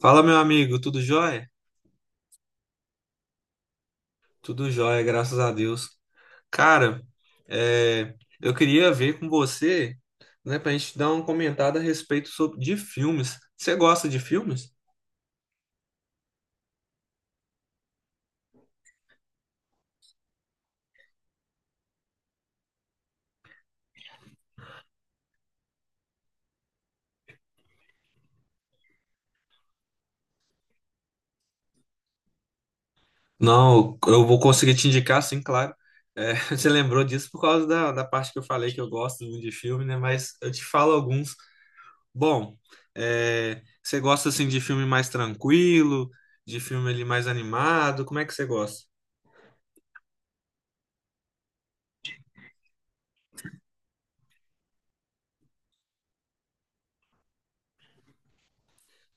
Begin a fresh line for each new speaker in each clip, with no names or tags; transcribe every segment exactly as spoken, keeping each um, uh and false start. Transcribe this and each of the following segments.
Fala, meu amigo, tudo jóia? Tudo jóia, graças a Deus. Cara, é, eu queria ver com você, né, pra gente dar uma comentada a respeito sobre, de filmes. Você gosta de filmes? Não, eu vou conseguir te indicar, sim, claro. É, você lembrou disso por causa da, da parte que eu falei que eu gosto muito de filme, né? Mas eu te falo alguns. Bom, é, você gosta, assim, de filme mais tranquilo, de filme ali mais animado? Como é que você gosta?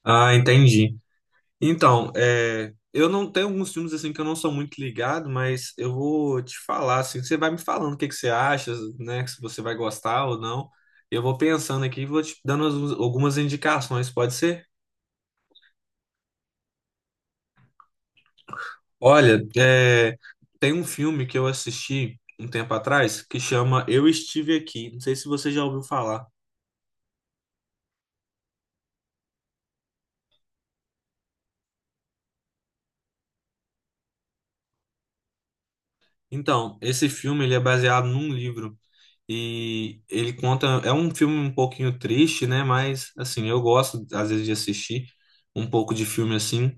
Ah, entendi. Então, é, eu não tenho alguns filmes assim que eu não sou muito ligado, mas eu vou te falar assim, você vai me falando o que que você acha, né, se você vai gostar ou não. Eu vou pensando aqui e vou te dando as- algumas indicações, pode ser? Olha, é, tem um filme que eu assisti um tempo atrás que chama Eu Estive Aqui. Não sei se você já ouviu falar. Então, esse filme ele é baseado num livro. E ele conta, é um filme um pouquinho triste, né? Mas assim, eu gosto às vezes de assistir um pouco de filme assim.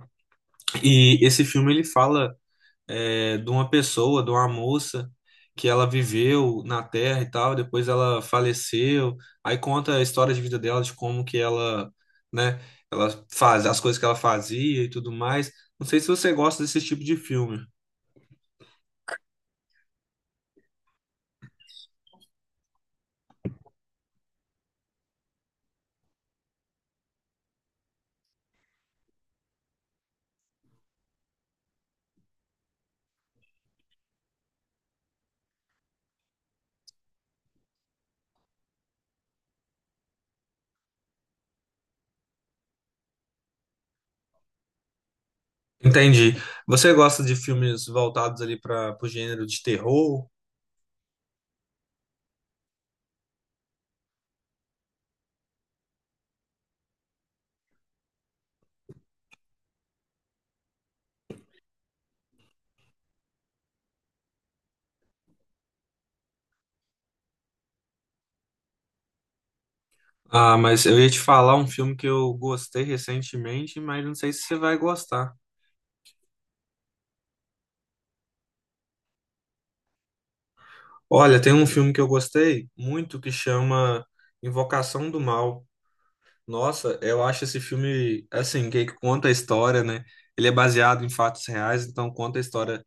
E esse filme ele fala é, de uma pessoa, de uma moça que ela viveu na Terra e tal, depois ela faleceu. Aí conta a história de vida dela, de como que ela, né? Ela faz as coisas que ela fazia e tudo mais. Não sei se você gosta desse tipo de filme. Entendi. Você gosta de filmes voltados ali para o gênero de terror? Ah, mas eu ia te falar um filme que eu gostei recentemente, mas não sei se você vai gostar. Olha, tem um filme que eu gostei muito que chama Invocação do Mal. Nossa, eu acho esse filme, assim, que conta a história, né? Ele é baseado em fatos reais, então conta a história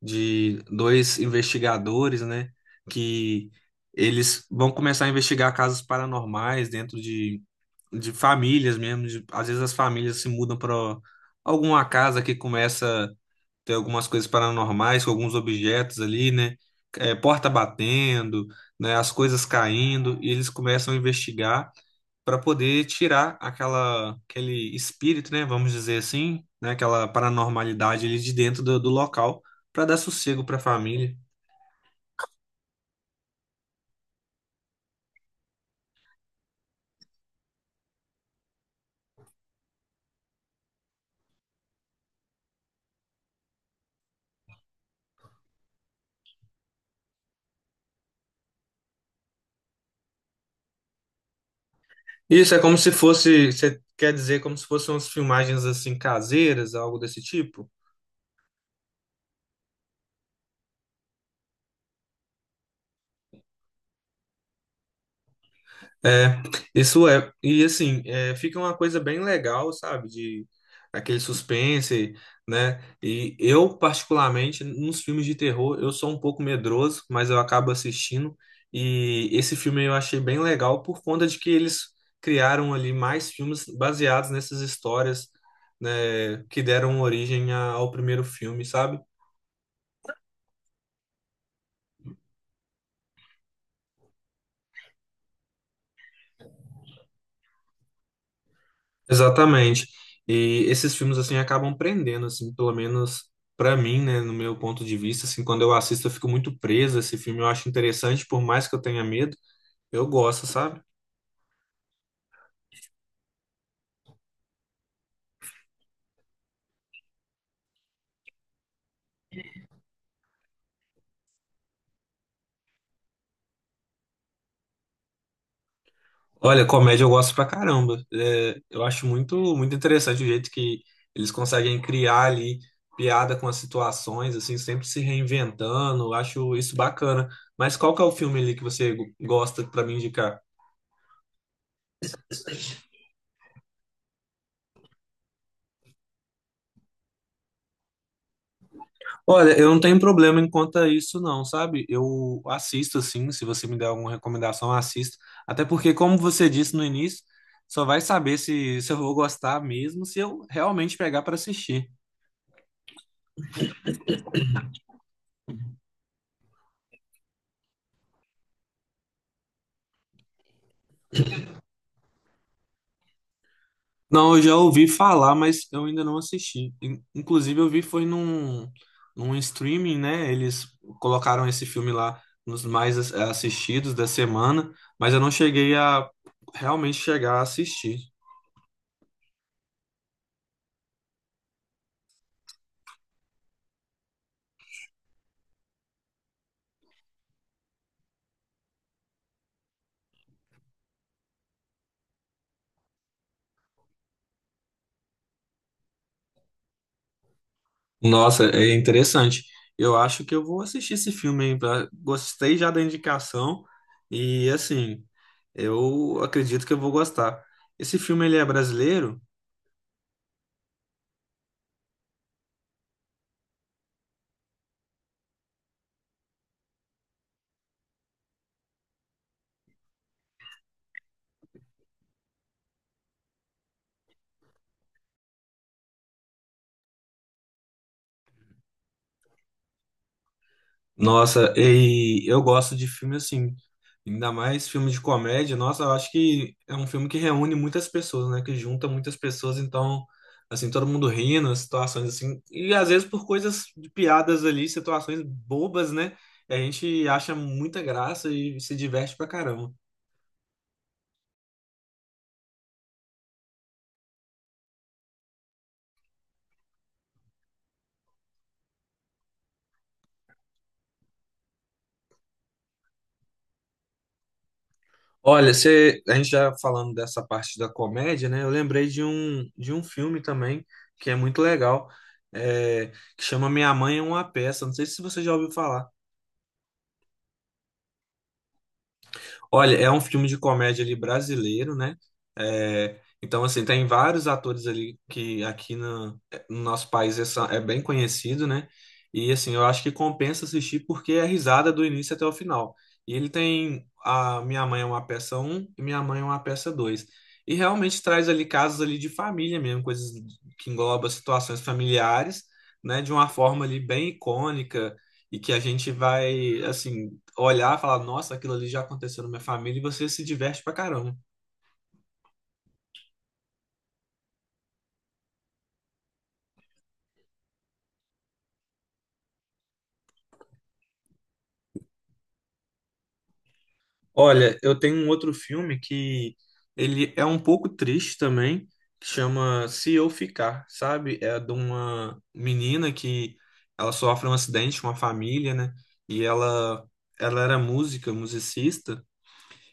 de dois investigadores, né? Que eles vão começar a investigar casos paranormais dentro de, de famílias mesmo. De- às vezes as famílias se mudam para alguma casa que começa tem algumas coisas paranormais, com alguns objetos ali, né? É, porta batendo, né? As coisas caindo, e eles começam a investigar para poder tirar aquela, aquele espírito, né? Vamos dizer assim, né? Aquela paranormalidade ali de dentro do, do local para dar sossego para a família. Isso é como se fosse, você quer dizer, como se fossem umas filmagens assim caseiras, algo desse tipo? É, isso é. E assim, é, fica uma coisa bem legal, sabe? De aquele suspense, né? E eu, particularmente, nos filmes de terror, eu sou um pouco medroso, mas eu acabo assistindo. E esse filme eu achei bem legal por conta de que eles criaram ali mais filmes baseados nessas histórias, né, que deram origem a- ao primeiro filme, sabe? Exatamente. E esses filmes assim acabam prendendo assim, pelo menos pra mim, né, no meu ponto de vista, assim, quando eu assisto eu fico muito preso a esse filme, eu acho interessante, por mais que eu tenha medo, eu gosto, sabe? Olha, comédia eu gosto pra caramba. É, eu acho muito muito interessante o jeito que eles conseguem criar ali piada com as situações, assim, sempre se reinventando. Eu acho isso bacana. Mas qual que é o filme ali que você gosta pra me indicar? Olha, eu não tenho problema em quanto a isso, não, sabe? Eu assisto, sim, se você me der alguma recomendação, eu assisto. Até porque, como você disse no início, só vai saber se, se eu vou gostar mesmo se eu realmente pegar para assistir. Não, eu já ouvi falar, mas eu ainda não assisti. In- Inclusive, eu vi foi num, num streaming, né? Eles colocaram esse filme lá nos mais as- assistidos da semana, mas eu não cheguei a realmente chegar a assistir. Nossa, é interessante. Eu acho que eu vou assistir esse filme, hein? pra- Gostei já da indicação e assim, eu acredito que eu vou gostar. Esse filme ele é brasileiro? Nossa, e eu gosto de filme assim, ainda mais filme de comédia. Nossa, eu acho que é um filme que reúne muitas pessoas, né? Que junta muitas pessoas, então, assim, todo mundo rindo, situações assim. E às vezes por coisas de piadas ali, situações bobas, né? A gente acha muita graça e se diverte pra caramba. Olha, você, a gente já falando dessa parte da comédia, né? Eu lembrei de um, de um filme também que é muito legal, é, que chama Minha Mãe é uma Peça. Não sei se você já ouviu falar. Olha, é um filme de comédia ali brasileiro, né? É, então, assim, tem vários atores ali que aqui no, no nosso país é, só- é bem conhecido, né? E, assim, eu acho que compensa assistir porque é risada do início até o final. E ele tem a Minha Mãe é uma Peça um e Minha Mãe é uma Peça dois. E realmente traz ali casos ali de família mesmo, coisas que englobam situações familiares, né? De uma forma ali bem icônica e que a gente vai, assim, olhar e falar, nossa, aquilo ali já aconteceu na minha família e você se diverte pra caramba. Olha, eu tenho um outro filme que ele é um pouco triste também, que chama Se Eu Ficar, sabe? É de uma menina que ela sofre um acidente com a família, né? E ela ela era música, musicista.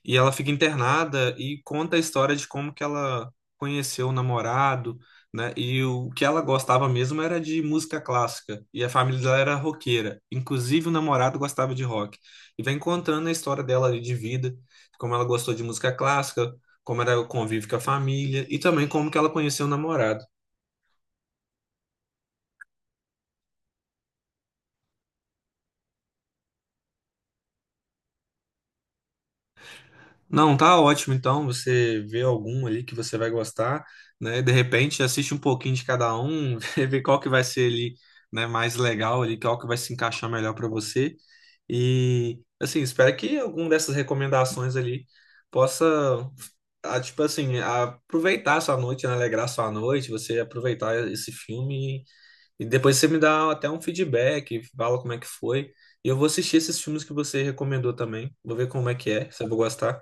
E ela fica internada e conta a história de como que ela conheceu o namorado, né? E o que ela gostava mesmo era de música clássica. E a família dela era roqueira. Inclusive o namorado gostava de rock. E vai contando a história dela ali de vida, como ela gostou de música clássica, como era o convívio com a família e também como que ela conheceu o namorado. Não, tá ótimo. Então, você vê algum ali que você vai gostar, né? De repente, assiste um pouquinho de cada um, vê qual que vai ser ali, né, mais legal ali, qual que vai se encaixar melhor para você. E assim, espero que alguma dessas recomendações ali possa, ah, tipo assim, aproveitar a sua noite, né, alegrar a sua noite, você aproveitar esse filme e e depois você me dá até um feedback, fala como é que foi. E eu vou assistir esses filmes que você recomendou também. Vou ver como é que é, se eu vou gostar.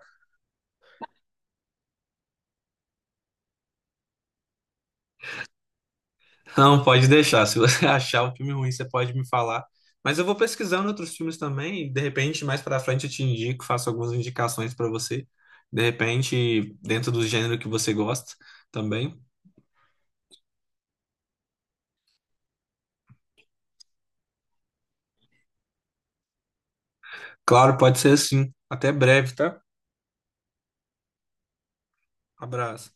Não, pode deixar. Se você achar o filme ruim, você pode me falar. Mas eu vou pesquisando outros filmes também. e De repente, mais pra frente, eu te indico, faço algumas indicações pra você. De repente, dentro do gênero que você gosta também. Claro, pode ser assim. Até breve, tá? Abraço.